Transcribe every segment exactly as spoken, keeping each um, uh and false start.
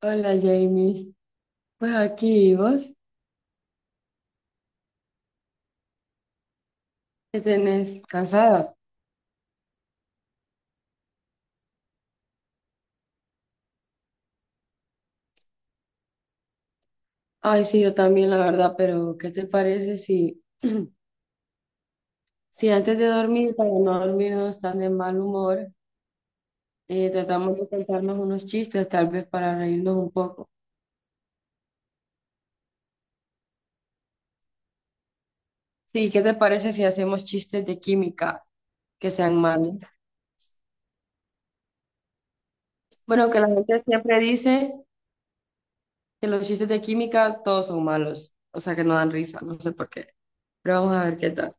Hola Jamie, pues aquí. ¿Y vos, qué tenés? ¿Cansada? Ay, sí, yo también, la verdad, pero ¿qué te parece si, si antes de dormir, para no dormirnos tan de mal humor, eh, tratamos de contarnos unos chistes, tal vez para reírnos un poco? Sí, ¿qué te parece si hacemos chistes de química que sean malos? Bueno, que la gente siempre dice que los chistes de química todos son malos, o sea que no dan risa, no sé por qué, pero vamos a ver qué tal.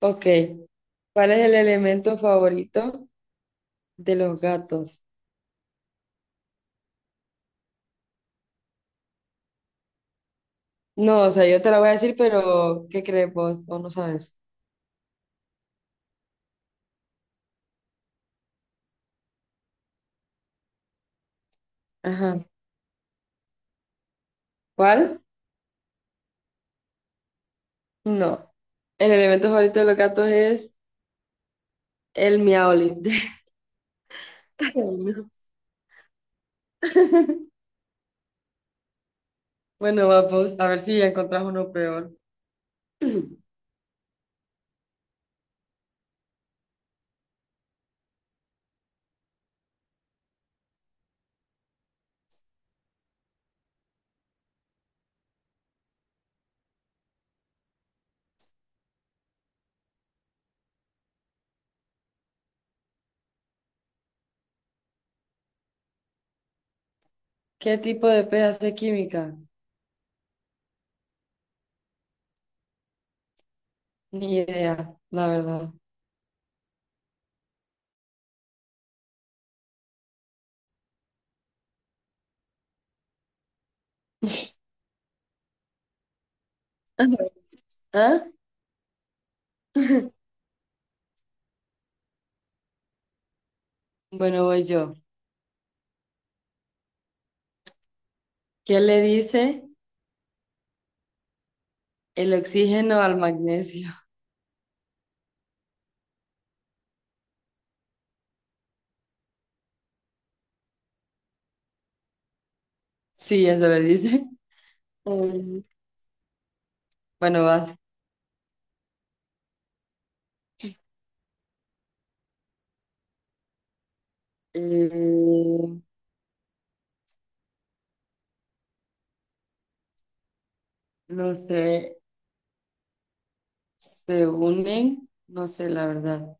Ok, ¿cuál es el elemento favorito de los gatos? No, o sea, yo te la voy a decir, pero ¿qué crees vos? ¿O no sabes? Ajá. ¿Cuál? No. El elemento favorito de los gatos es el miaolín. Ay, no. Bueno, vamos a ver si ya encontrás uno peor. ¿Qué tipo de pez hace química? Ni idea, la verdad. Ajá. ¿Ah? Bueno, voy yo. ¿Qué le dice el oxígeno al magnesio? Sí, eso le dice. Mm. Bueno, vas. Eh, No sé, se unen, no sé la verdad.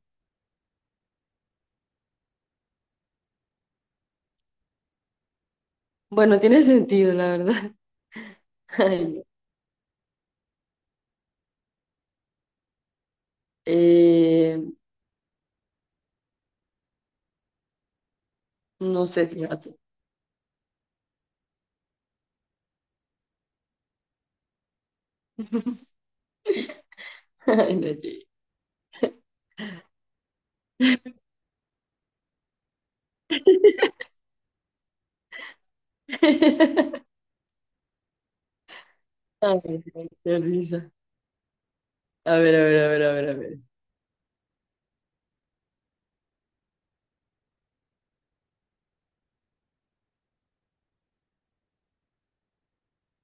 Bueno, tiene sentido, la verdad. Ay, eh, no sé, fíjate. Ay, no llegué. Ay, no, qué risa. A ver, a ver, a ver, a ver, a ver.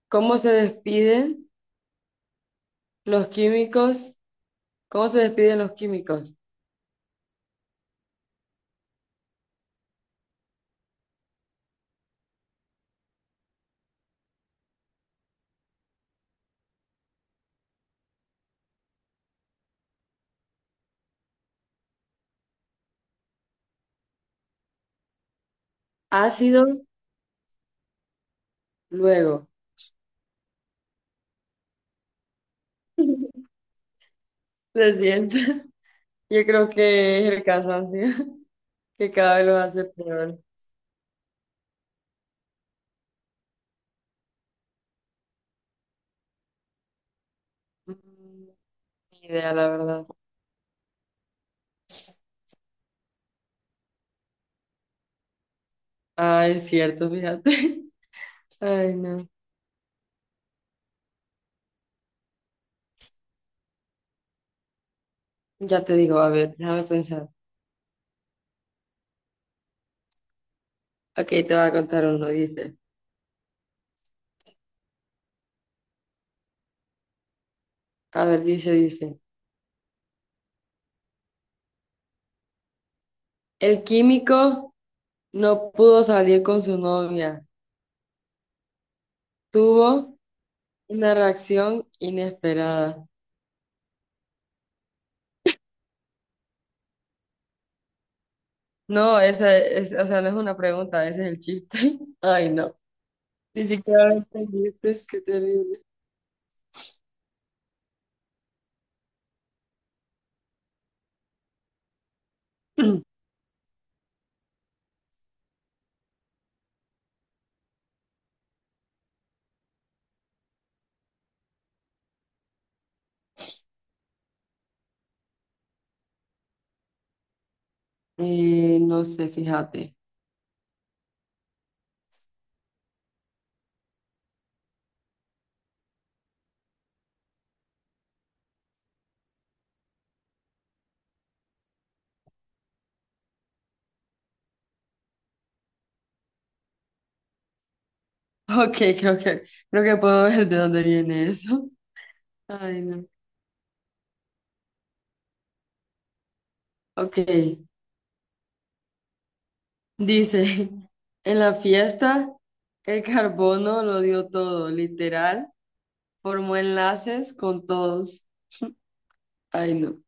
¿Cómo se despiden los químicos? ¿Cómo se despiden los químicos? Ácido, luego. Se siente. Yo creo que es el cansancio, que cada vez lo hace peor. Mm, ni idea, la verdad. Ah, es cierto, fíjate. Ay, no. Ya te digo, a ver, déjame pensar. Ok, te voy a contar uno, dice. A ver, dice, dice. El químico no pudo salir con su novia. Tuvo una reacción inesperada. No, esa es, o sea, no es una pregunta, ese es el chiste. Ay, no. Ni siquiera lo entendiste, es que terrible. Eh, no sé, fíjate. Ok, creo que, creo que puedo ver de dónde viene eso. Ay, no. Ok. Dice, en la fiesta el carbono lo dio todo, literal, formó enlaces con todos. Ay, no,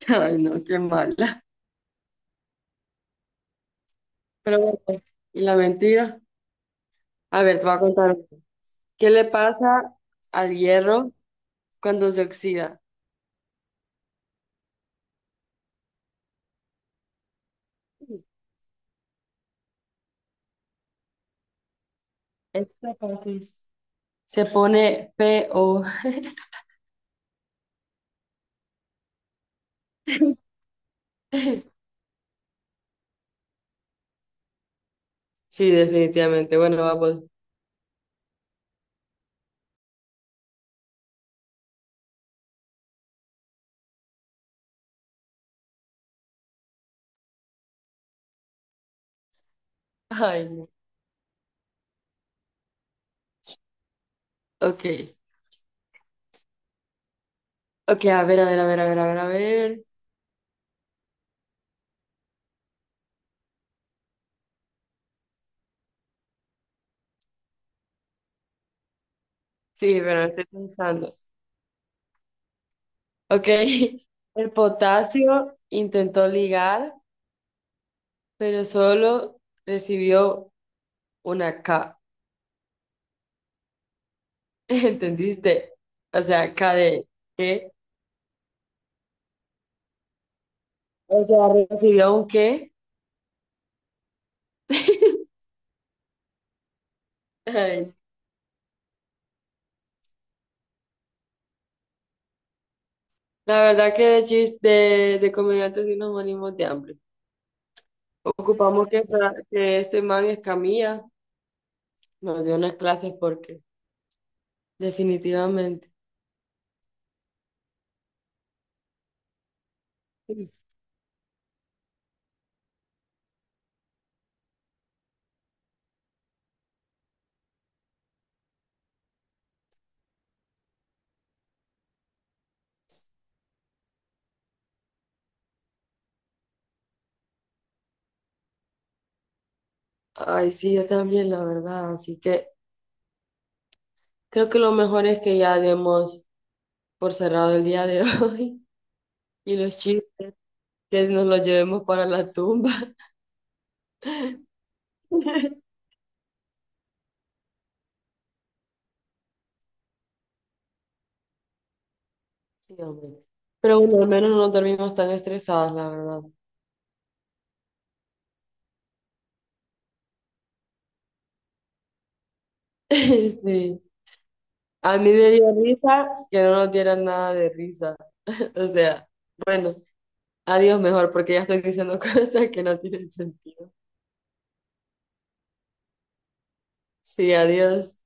ay, no, qué mala. Pero bueno, y la mentira. A ver, te voy a contar. ¿Qué le pasa al hierro cuando se oxida? Esto fácil. Se pone P O. Sí, definitivamente. Bueno, vamos. Ay, no. Ok, ok, a ver, a ver, a ver, a ver, a ver, a ver. Sí, pero estoy pensando. Ok, el potasio intentó ligar, pero solo recibió una K. ¿Entendiste? O sea, K de qué. O sea, recibió un qué. Ay, la verdad que de chis de, de comediantes sí nos morimos de hambre. Ocupamos que, esta- que este man Escamilla nos dio unas clases porque definitivamente. Ay, sí, yo también, la verdad. Así que creo que lo mejor es que ya demos por cerrado el día de hoy y los chistes que nos los llevemos para la tumba. Sí, hombre. Pero bueno, al menos no dormimos tan estresadas, la verdad. Sí. A mí me dio risa que no nos dieran nada de risa. O sea, bueno, adiós mejor porque ya estoy diciendo cosas que no tienen sentido. Sí, adiós.